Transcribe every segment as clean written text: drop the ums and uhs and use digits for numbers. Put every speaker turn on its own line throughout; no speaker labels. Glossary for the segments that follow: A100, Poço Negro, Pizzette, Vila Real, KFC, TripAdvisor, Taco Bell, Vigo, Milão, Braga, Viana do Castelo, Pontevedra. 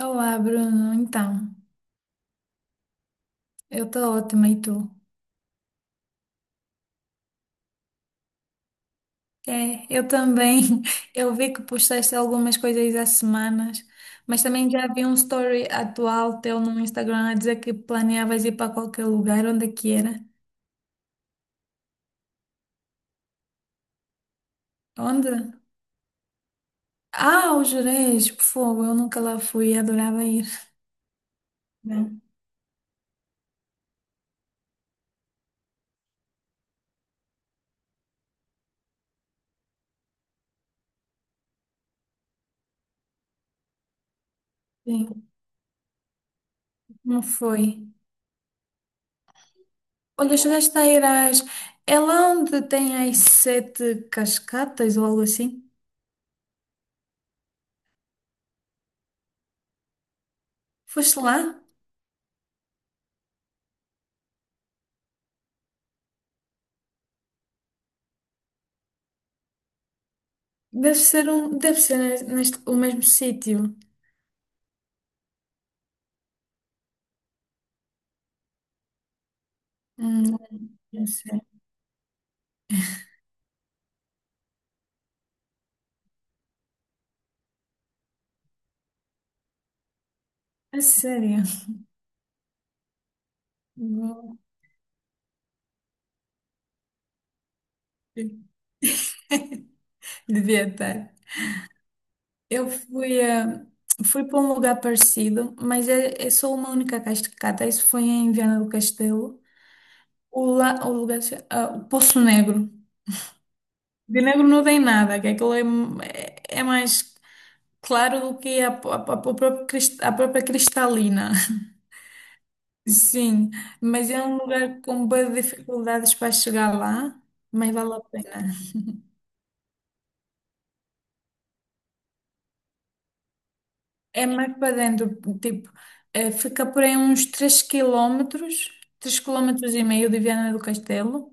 Olá, Bruno. Então, eu estou ótima e tu? É, eu também. Eu vi que postaste algumas coisas há semanas, mas também já vi um story atual teu no Instagram a dizer que planeavas ir para qualquer lugar, onde é que era? Onde? Ah, o Jerez, por fogo, eu nunca lá fui, adorava ir. Não, sim, não foi. Olha, chegaste a ir às... é lá onde tem as sete cascatas ou algo assim? Foste lá? Deve ser neste, o mesmo sítio. Hum, não sei. A sério. Vou- Devia estar. Eu fui, a Fui para um lugar parecido, mas é só uma única cascata. Isso foi em Viana do Castelo. O, la, o lugar, se- ah, o Poço Negro. De negro não tem nada, que aquilo é mais claro do que a própria cristalina. Sim, mas é um lugar com boas dificuldades para chegar lá, mas vale a pena. É mais para dentro, tipo, fica por aí uns 3 km, 3 km e meio de Viana do Castelo.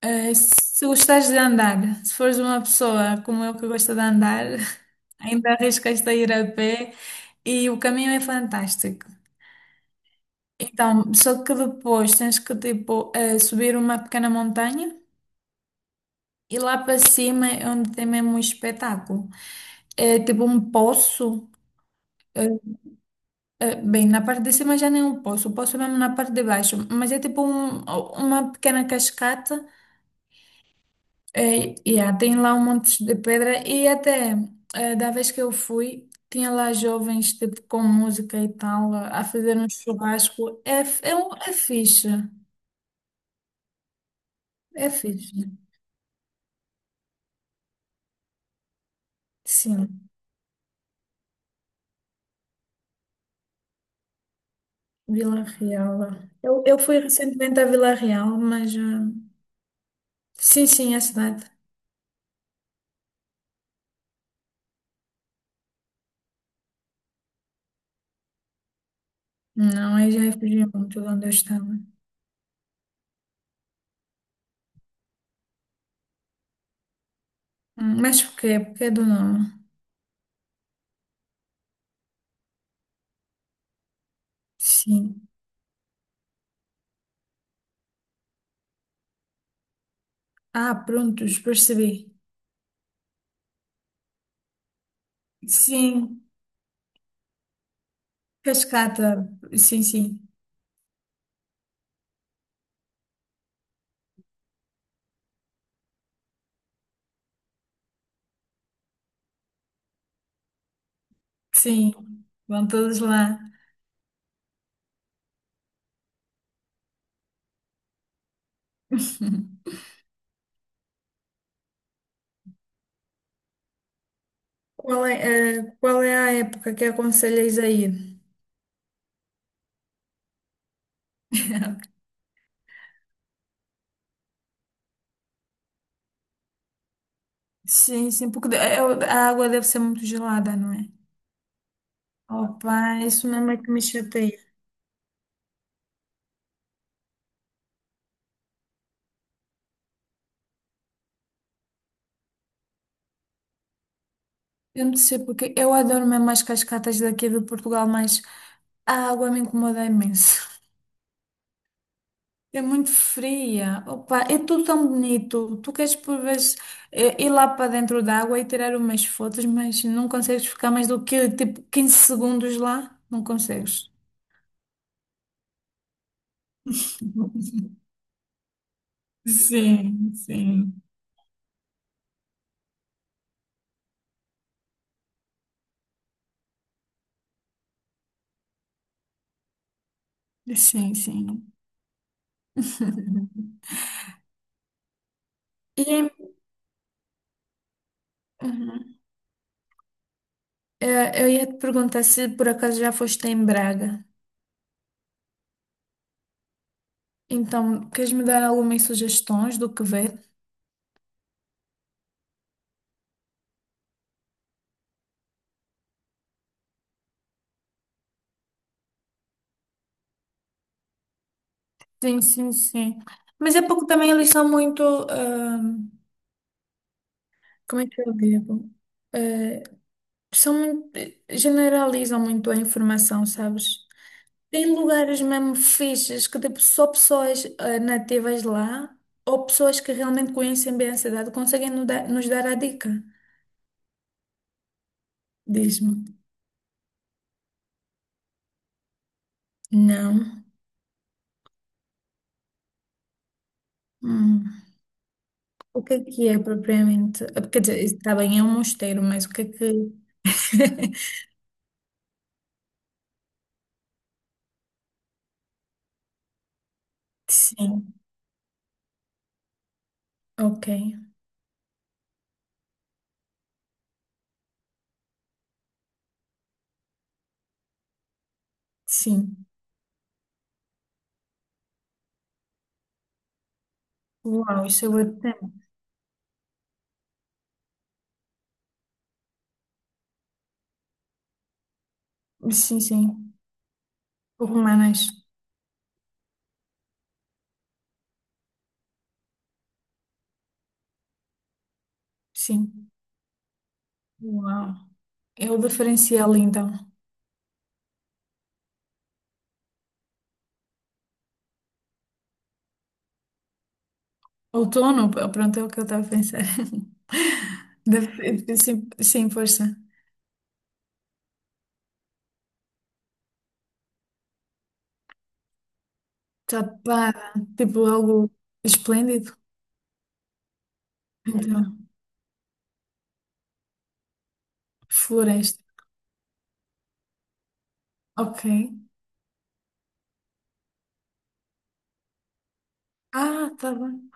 Se gostares de andar, se fores uma pessoa como eu que gosta de andar, ainda arriscas-te a ir a pé e o caminho é fantástico. Então, só que depois tens que, tipo, subir uma pequena montanha. E lá para cima é onde tem mesmo um espetáculo. É tipo um poço. é- é bem, na parte de cima já nem é um poço, o poço é mesmo na parte de baixo. Mas é tipo uma pequena cascata. É, e tem lá um monte de pedra. E até, da vez que eu fui, tinha lá jovens tipo com música e tal, a fazer um churrasco. É fixe. É fixe. Sim, Vila Real. Eu fui recentemente à Vila Real, mas. Sim, sim, é a cidade. Não, aí já refugiei muito de onde eu estava. Mas por quê? Porque é do nome. Sim. Ah, prontos, percebi. Sim, cascata. Sim, sim. Sim, vão todos lá. Qual é a época que aconselhas a ir? Sim, sim, porque a água deve ser muito gelada, não é? Opa, isso mesmo é que me chateia. Eu não sei porque eu adoro mesmo as cascatas daqui de Portugal, mas a água me incomoda imenso. É muito fria. Opa, é tudo tão bonito. Tu queres por vezes ir lá para dentro da água e tirar umas fotos, mas não consegues ficar mais do que tipo 15 segundos lá. Não consegues. Sim, sim. Sim, sim. E é, uhum. Eu ia te perguntar se por acaso já foste em Braga. Então, queres me dar algumas sugestões do que ver? Sim, sim, sim. Mas é porque também eles são muito. Como é que eu digo? Eh, São muito, generalizam muito a informação, sabes? Tem lugares mesmo fixes que tipo, só pessoas nativas lá ou pessoas que realmente conhecem bem a cidade conseguem nos dar a dica. Diz-me. Não. Hum. O que é propriamente? Quer dizer, está bem, é um mosteiro, mas o que é que. Sim, ok. Sim. Uau, isso é o tema. Sim, sim. Romanas. Sim. Uau. É o diferencial, então. Outono, pronto, é o que eu estava a pensar. Sim, sim, força. Tapada, tipo algo esplêndido. Então, floresta. Ok. Ah, tá bem.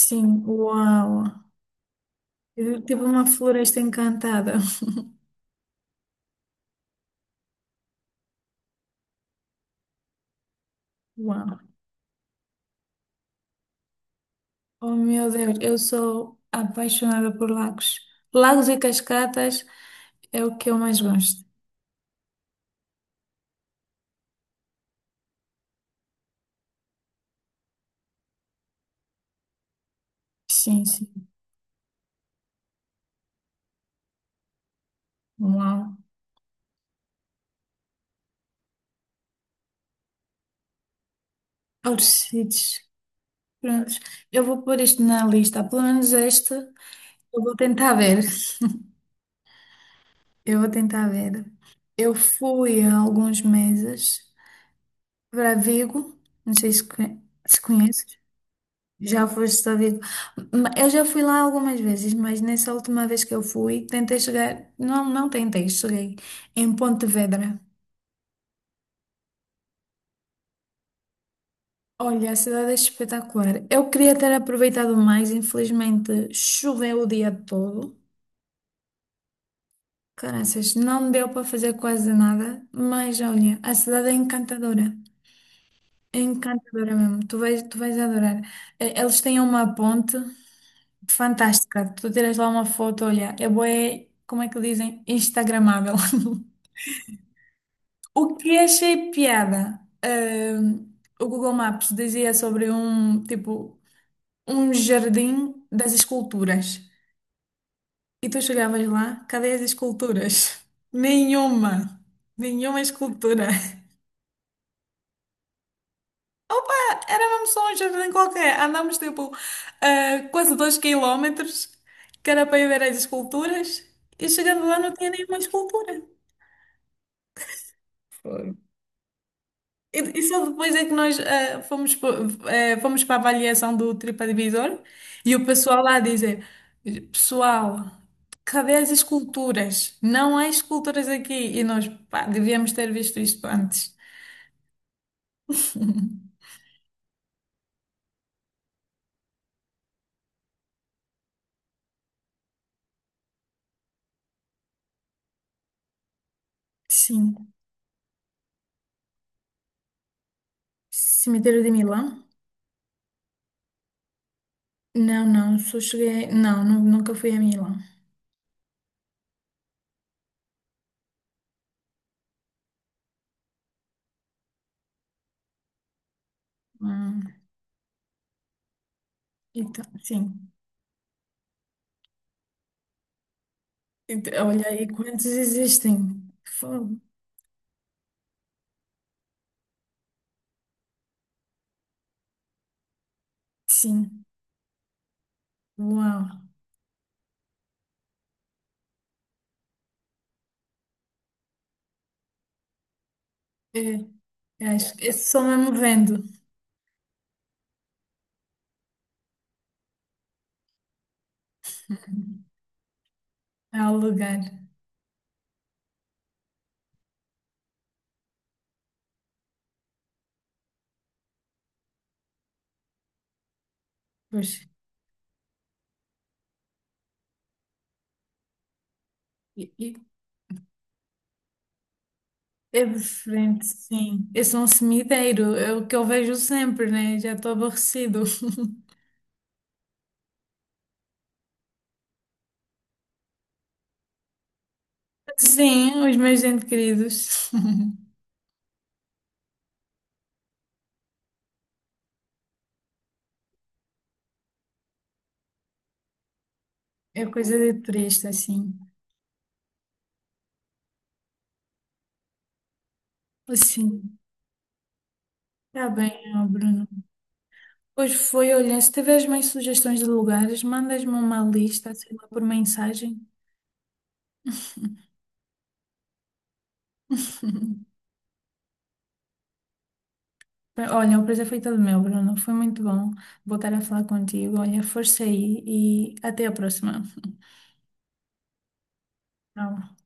Sim, uau. Tipo uma floresta encantada. Uau. Oh, meu Deus, eu sou apaixonada por lagos. Lagos e cascatas é o que eu mais gosto. Sim, sim. Uau. Altos sítios. Prontos, eu vou pôr isto na lista, pelo menos este eu vou tentar ver. Eu vou tentar ver. Eu fui há alguns meses para Vigo, não sei se conheces, já foste a Vigo. Eu já fui lá algumas vezes, mas nessa última vez que eu fui, tentei chegar, não, não tentei, cheguei em Pontevedra. Olha, a cidade é espetacular. Eu queria ter aproveitado mais, infelizmente choveu o dia todo. Caraças, não deu para fazer quase nada, mas olha, a cidade é encantadora. É encantadora mesmo. Tu vais adorar. Eles têm uma ponte fantástica. Tu tiras lá uma foto, olha, é bué, como é que dizem? Instagramável. O que achei piada, o Google Maps dizia sobre um, tipo, um jardim das esculturas. E tu chegavas lá, cadê as esculturas? Nenhuma. Nenhuma escultura. Opa, era mesmo só um jardim qualquer. Andámos tipo quase 2 quilómetros, que era para ir ver as esculturas, e chegando lá não tinha nenhuma escultura. Foi E, só depois é que nós fomos para a avaliação do TripAdvisor e o pessoal lá dizer: pessoal, cadê as esculturas? Não há esculturas aqui. E nós, pá, devíamos ter visto isto antes. Sim, cemitério de Milão. Não, não, só cheguei. Não, nunca fui a Milão. Hum, então, sim. Então, olha aí quantos existem. Fogo. Sim. Uau. É, acho que é só mesmo vendo ao lugar. Pois. E é diferente, sim. Esse é um cemitério, é o que eu vejo sempre, né? Já estou aborrecido. Sim, os meus entes queridos. É coisa de turista, assim. Assim. Está bem, ó, Bruno. Pois foi, olha, se tiveres mais sugestões de lugares, mandas-me uma lista, sei lá, por mensagem. Olha, o prazer foi todo meu, Bruno. Foi muito bom voltar a falar contigo. Olha, força aí e até a próxima. Tchau.